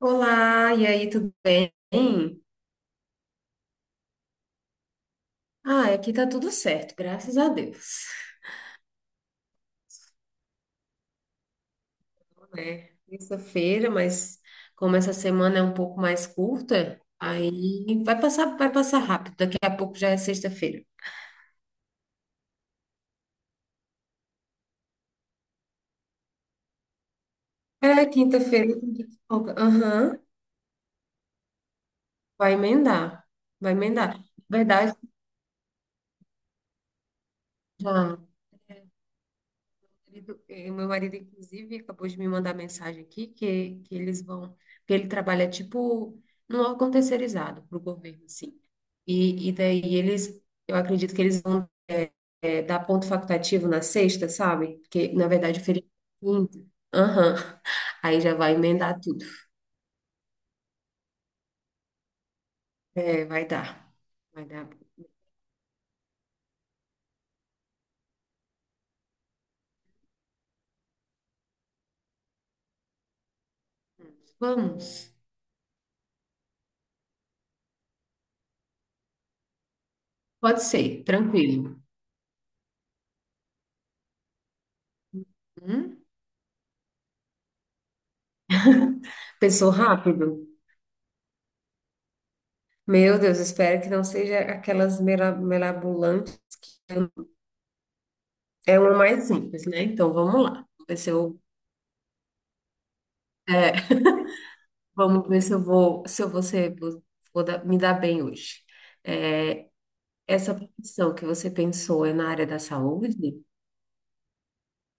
Olá, e aí, tudo bem? Ah, aqui tá tudo certo, graças a Deus. É terça-feira, mas como essa semana é um pouco mais curta, aí vai passar rápido. Daqui a pouco já é sexta-feira. É, quinta-feira. Eu tenho que folga. Aham, vai emendar, vai emendar. Na verdade, já. Meu marido, inclusive, acabou de me mandar mensagem aqui que eles vão, que ele trabalha tipo num órgão terceirizado para o governo, assim. E daí eles, eu acredito que eles vão dar ponto facultativo na sexta, sabe? Porque, na verdade, o feriado é quinta. Aham. Aí já vai emendar tudo. É, vai dar. Vai dar. Vamos. Pode ser, tranquilo. Hum? Pensou rápido? Meu Deus, espero que não seja aquelas melabulantes. É uma mais simples, né? Então vamos lá. Vamos ver se eu, é, vamos ver se eu vou, se eu vou, ser, vou, me dar bem hoje. É, essa profissão que você pensou é na área da saúde?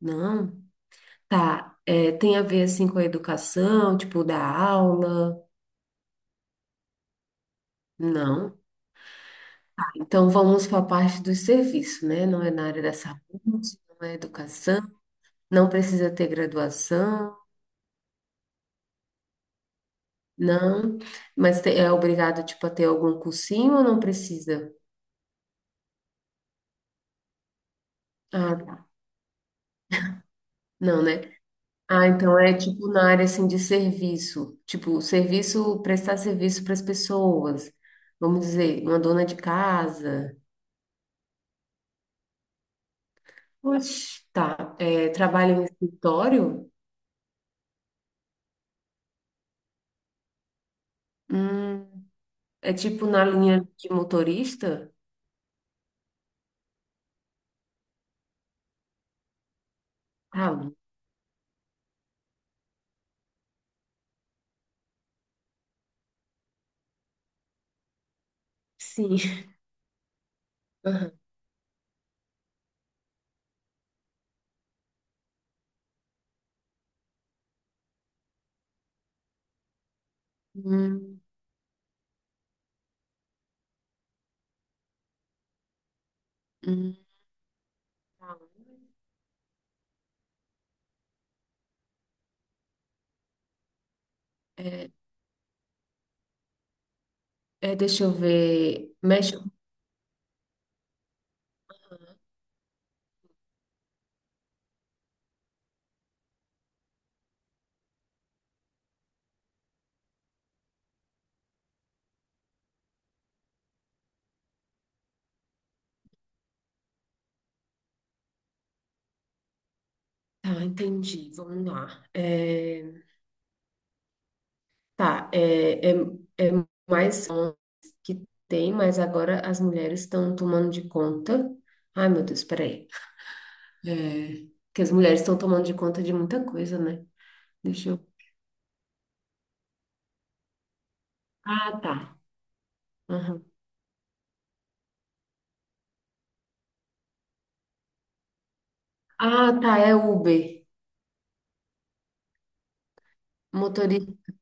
Não. Tá. É, tem a ver assim com a educação, tipo da aula? Não. Então vamos para a parte do serviço, né? Não é na área da saúde, não é educação, não precisa ter graduação, não. Mas é obrigado tipo a ter algum cursinho ou não precisa? Ah, não, né? Ah, então é tipo na área assim de serviço, tipo serviço, prestar serviço para as pessoas. Vamos dizer, uma dona de casa. Oxe, tá. É, trabalha em escritório? Hum, é tipo na linha de motorista? Ah, sim. Aham. Hum, hum, tá. É, é, deixa eu ver. Mexe. Tá, entendi. Vamos lá. É. Tá, é mais homens que tem, mas agora as mulheres estão tomando de conta. Ai, meu Deus, peraí. É, que as mulheres estão tomando de conta de muita coisa, né? Deixa eu. Ah, tá. Aham. Ah, tá, é Uber. Motorista.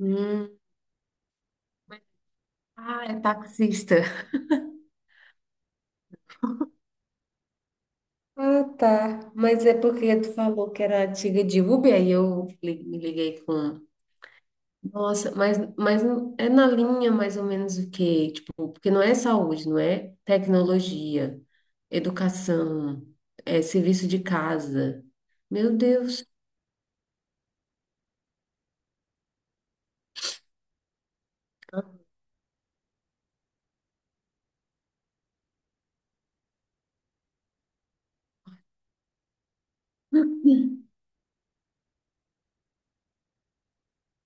Hum. Ah, é taxista. Ah, tá. Mas é porque tu falou que era antiga de Uber, aí me liguei com nossa, mas, é na linha mais ou menos o quê? Tipo, porque não é saúde, não é tecnologia, educação, é serviço de casa. Meu Deus.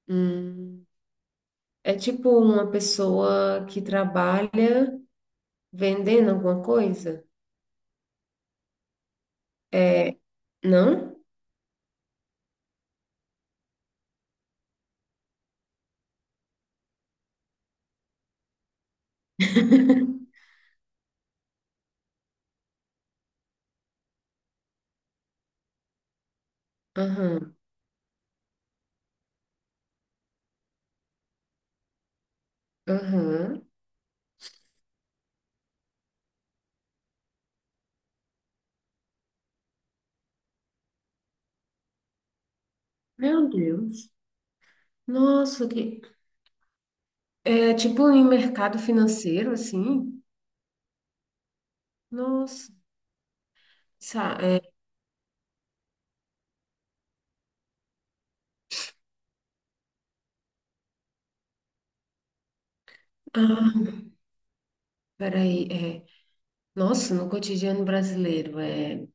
Hum, é tipo uma pessoa que trabalha vendendo alguma coisa? É, não? Aham, aham. Meu Deus. Nossa, que... É tipo em mercado financeiro, assim? Nossa. Sa- é- Ah, peraí. É. Nossa, no cotidiano brasileiro, é...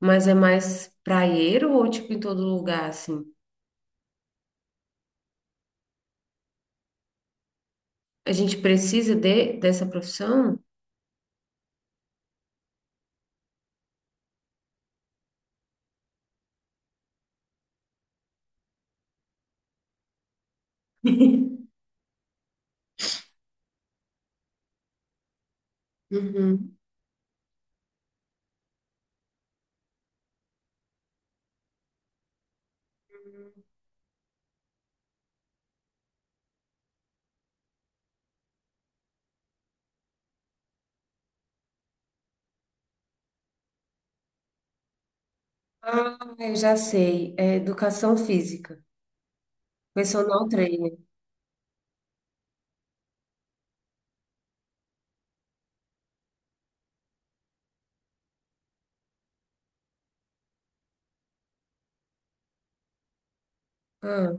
mas é mais praieiro ou tipo em todo lugar, assim? A gente precisa dessa profissão? Uhum. Ah, eu já sei. É educação física, personal trainer. Ah,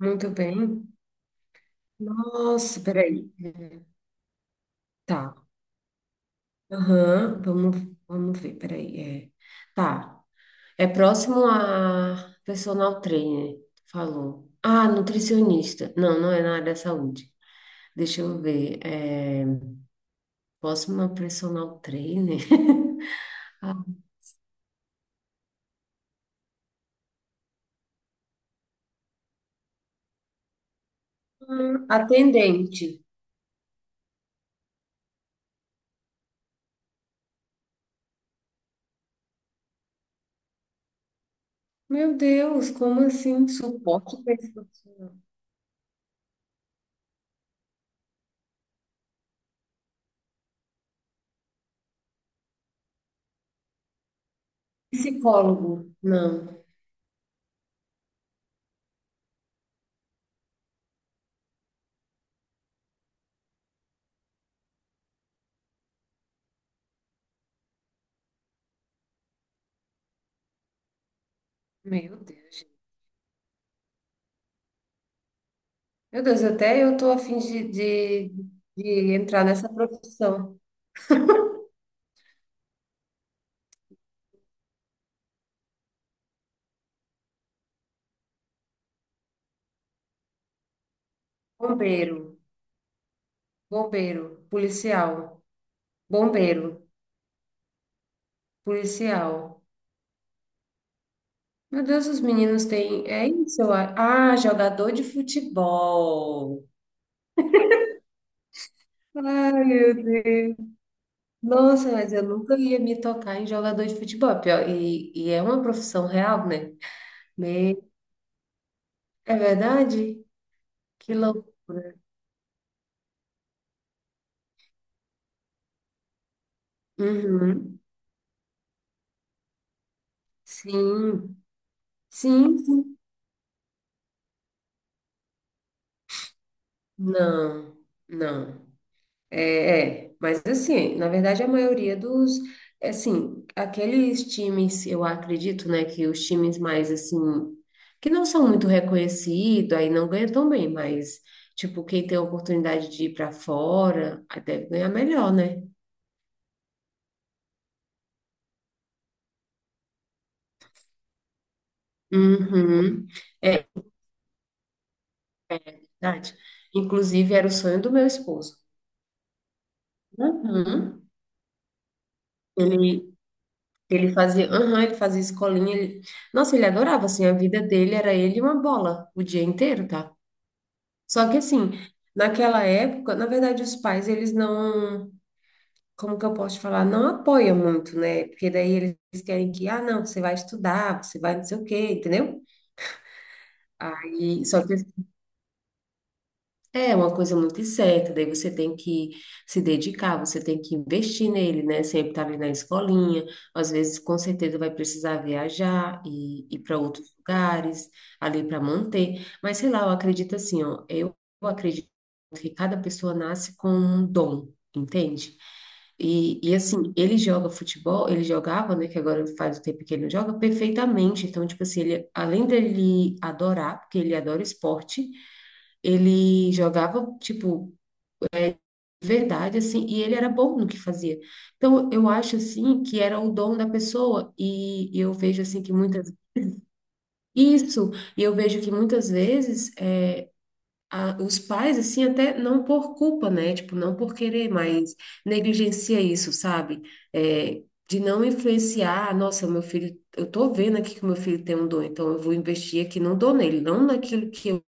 muito bem. Nossa, peraí. Tá. Aham, vamos, vamos ver, peraí. É. Tá. É próximo a personal trainer, falou. Ah, nutricionista. Não, não é na área da saúde. Deixa eu ver. É, posso uma personal trainer? Ah, atendente. Meu Deus, como assim? Suporte pessoal. Psicólogo. Não. Meu Deus, gente. Meu Deus, até eu tô afim de entrar nessa profissão. Bombeiro, bombeiro, policial, bombeiro, policial. Meu Deus, os meninos têm. É isso, eu acho. Ah, jogador de futebol. Ai, meu Deus. Nossa, mas eu nunca ia me tocar em jogador de futebol, pior, e é uma profissão real, né? Me- é verdade? Que louco. Uhum. Sim, sim, sim. Não, não. Mas assim, na verdade a maioria dos, é assim, aqueles times, eu acredito, né, que os times mais, assim, que não são muito reconhecidos, aí não ganham tão bem, mas, tipo, quem tem a oportunidade de ir para fora, aí deve ganhar melhor, né? Uhum. É verdade. Inclusive, era o sonho do meu esposo. Uhum. Ele, ele fazia, uhum, ele fazia escolinha. Nossa, ele adorava, assim, a vida dele era ele e uma bola o dia inteiro, tá? Só que, assim, naquela época, na verdade, os pais, eles não, como que eu posso te falar, não apoiam muito, né? Porque daí eles querem que, ah, não, você vai estudar, você vai não sei o quê, entendeu? Aí, só que é uma coisa muito incerta, daí você tem que se dedicar, você tem que investir nele, né? Sempre estar ali na escolinha, às vezes com certeza vai precisar viajar e ir para outros lugares, ali para manter. Mas sei lá, eu acredito assim, ó, eu acredito que cada pessoa nasce com um dom, entende? E assim, ele joga futebol, ele jogava, né? Que agora faz o tempo que ele não joga, perfeitamente. Então, tipo assim, ele, além dele adorar, porque ele adora esporte. Ele jogava, tipo, verdade, assim, e ele era bom no que fazia. Então, eu acho, assim, que era o dom da pessoa, e eu vejo, assim, que muitas... Isso, e eu vejo que muitas vezes é, os pais, assim, até não por culpa, né? Tipo, não por querer, mas negligencia isso, sabe? É, de não influenciar, "Ah, nossa, meu filho, eu tô vendo aqui que o meu filho tem um dom, então eu vou investir aqui no dom nele, não naquilo que eu,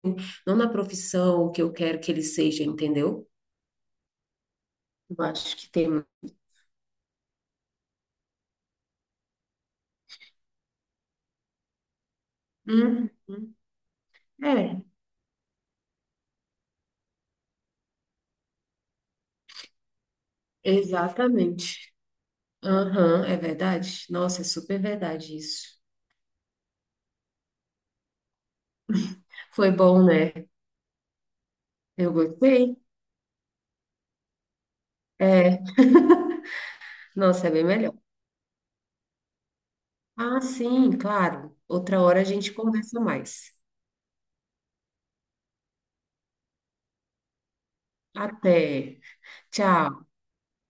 não na profissão que eu quero que ele seja, entendeu? Eu acho que tem. Uhum. É, exatamente. Aham, é verdade. Nossa, é super verdade isso. Foi bom, né? Eu gostei. É, nossa, é bem melhor. Ah, sim, claro. Outra hora a gente conversa mais. Até. Tchau.